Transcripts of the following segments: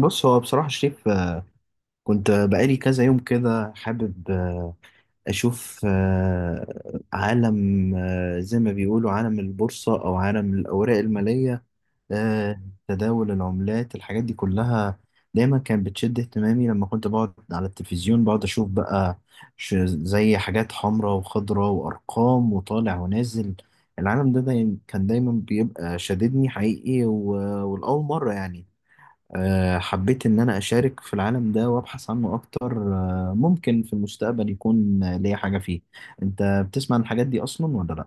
بص هو بصراحة شريف كنت بقالي كذا يوم كده حابب أشوف عالم، زي ما بيقولوا عالم البورصة أو عالم الأوراق المالية، آه، تداول العملات الحاجات دي كلها دايما كانت بتشد اهتمامي لما كنت بقعد على التلفزيون بقعد أشوف بقى زي حاجات حمراء وخضراء وأرقام وطالع ونازل. العالم ده دايما كان بيبقى شاددني حقيقي، والأول مرة يعني حبيت إن أنا أشارك في العالم ده وأبحث عنه أكتر، ممكن في المستقبل يكون ليا حاجة فيه. أنت بتسمع عن الحاجات دي أصلا ولا لأ؟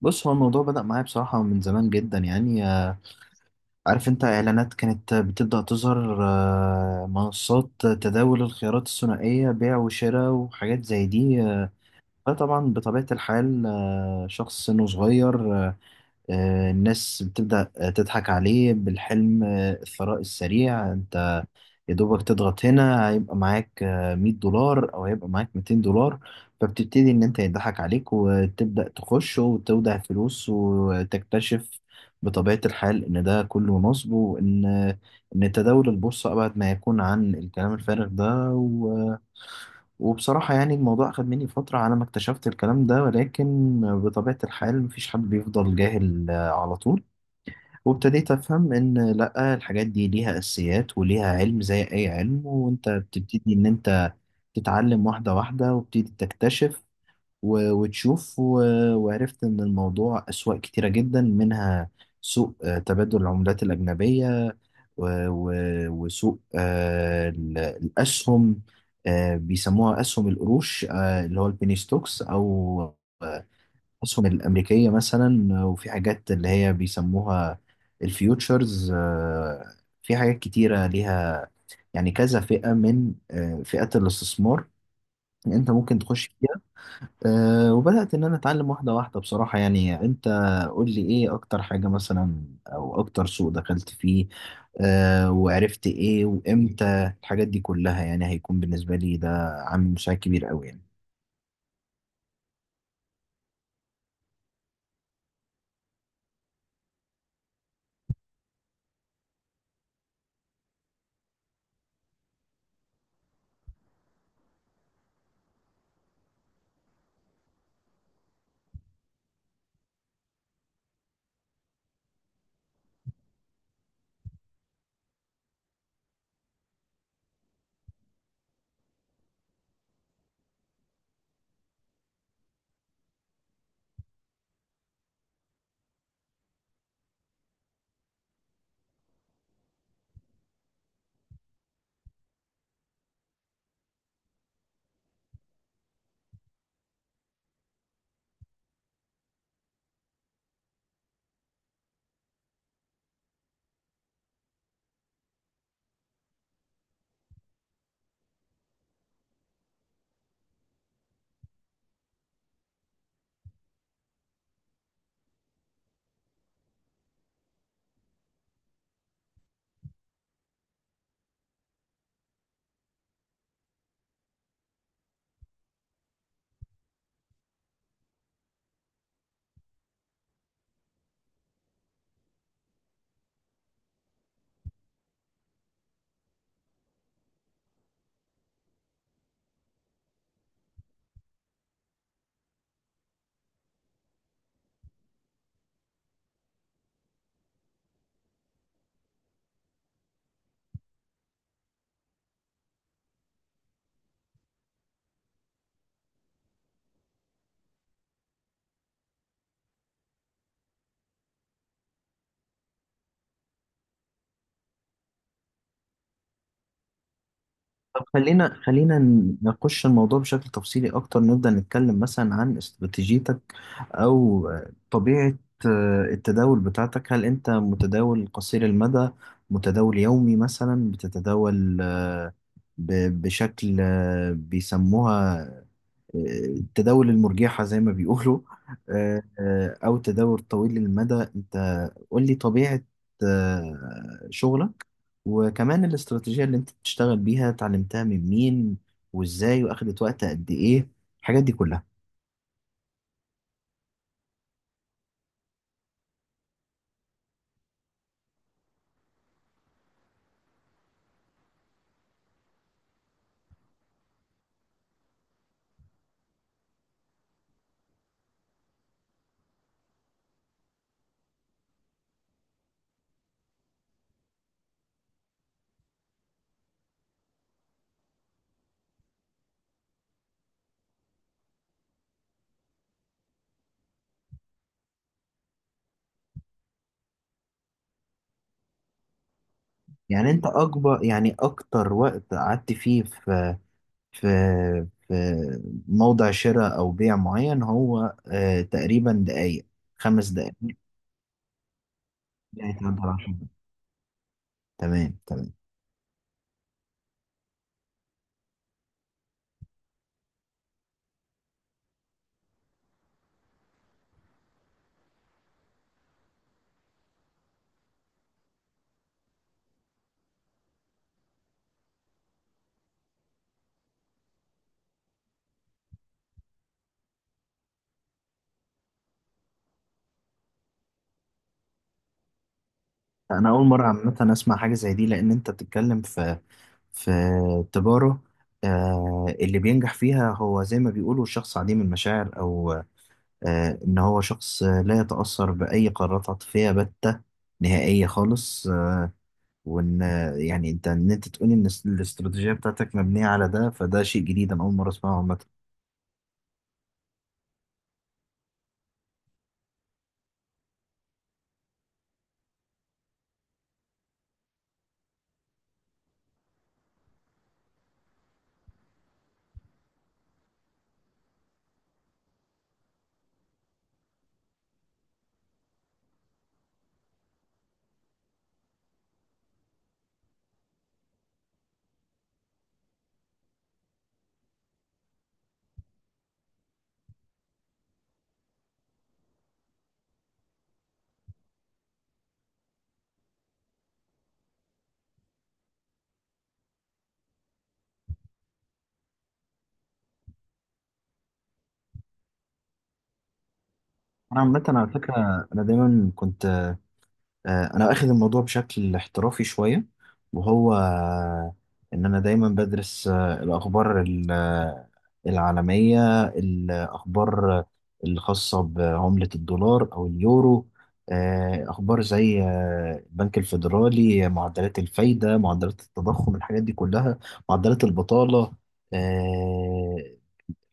بص هو الموضوع بدأ معايا بصراحة من زمان جدا يعني، عارف أنت إعلانات كانت بتبدأ تظهر، منصات تداول الخيارات الثنائية بيع وشراء وحاجات زي دي. فطبعا بطبيعة الحال شخص سنه صغير، الناس بتبدأ تضحك عليه بالحلم الثراء السريع. أنت يا دوبك تضغط هنا هيبقى معاك 100 دولار او هيبقى معاك 200 دولار، فبتبتدي ان انت يضحك عليك وتبدأ تخش وتودع فلوس وتكتشف بطبيعة الحال ان ده كله نصب، وان تداول البورصة ابعد ما يكون عن الكلام الفارغ ده وبصراحة يعني الموضوع اخد مني فترة على ما اكتشفت الكلام ده، ولكن بطبيعة الحال مفيش حد بيفضل جاهل على طول. وابتديت أفهم إن لأ الحاجات دي ليها أساسيات وليها علم زي أي علم، وأنت بتبتدي إن أنت تتعلم واحدة واحدة وبتبتدي تكتشف وتشوف، وعرفت إن الموضوع أسواق كتيرة جدا، منها سوق تبادل العملات الأجنبية، وسوق الأسهم، بيسموها أسهم القروش، اللي هو البيني ستوكس، أو آه، الأسهم الأمريكية مثلا. وفي حاجات اللي هي بيسموها الفيوتشرز، في حاجات كتيرة ليها يعني كذا فئة من فئات الاستثمار أنت ممكن تخش فيها. وبدأت إن أنا أتعلم واحدة واحدة بصراحة يعني. أنت قول لي إيه أكتر حاجة مثلا أو أكتر سوق دخلت فيه، وعرفت إيه وإمتى، الحاجات دي كلها يعني هيكون بالنسبة لي ده عامل مساعد كبير أوي يعني. طب خلينا نخش الموضوع بشكل تفصيلي أكتر، نبدأ نتكلم مثلا عن استراتيجيتك أو طبيعة التداول بتاعتك. هل أنت متداول قصير المدى، متداول يومي مثلا بتتداول بشكل بيسموها آه، التداول المرجحة زي ما بيقولوا، أو تداول طويل المدى؟ أنت قول لي طبيعة شغلك، وكمان الاستراتيجية اللي انت بتشتغل بيها اتعلمتها من مين وازاي، واخدت وقت قد ايه، الحاجات دي كلها. يعني انت اكبر، يعني اكتر وقت قعدت فيه في في في موضع شراء او بيع معين هو آه تقريبا دقايق، خمس دقايق؟ يعني تقدر على حاجة. تمام تمام. انا اول مرة عامة اسمع حاجة زي دي، لان انت بتتكلم في في تجارة آه اللي بينجح فيها هو زي ما بيقولوا الشخص عديم المشاعر، او إن هو شخص لا يتأثر بأي قرارات عاطفية بتة نهائية خالص. وإن يعني أنت إن أنت تقولي إن الاستراتيجية بتاعتك مبنية على ده، فده شيء جديد أنا أول مرة أسمعه عامة. أنا عامة على فكرة أنا دايما كنت، انا واخد الموضوع بشكل احترافي شويه. وهو ان انا دايما بدرس الاخبار العالميه، الاخبار الخاصه بعمله الدولار او اليورو، اخبار زي البنك الفيدرالي، معدلات الفايده، معدلات التضخم، الحاجات دي كلها، معدلات البطاله، آه،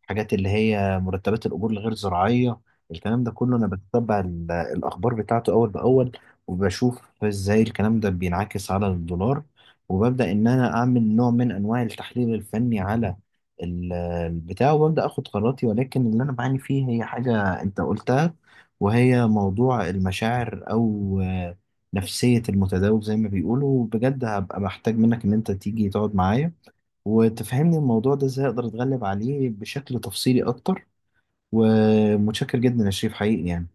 حاجات اللي هي مرتبات الأجور الغير زراعية. الكلام ده كله أنا بتتبع الأخبار بتاعته أول بأول، وبشوف إزاي الكلام ده بينعكس على الدولار، وببدأ إن أنا أعمل نوع من أنواع التحليل الفني على ال- البتاع، وببدأ أخد قراراتي. ولكن اللي أنا بعاني فيه هي حاجة أنت قلتها، وهي موضوع المشاعر أو نفسية المتداول زي ما بيقولوا. بجد هبقى محتاج منك إن أنت تيجي تقعد معايا وتفهمني الموضوع ده ازاي اقدر اتغلب عليه بشكل تفصيلي اكتر، ومتشكر جدا يا شريف حقيقي يعني.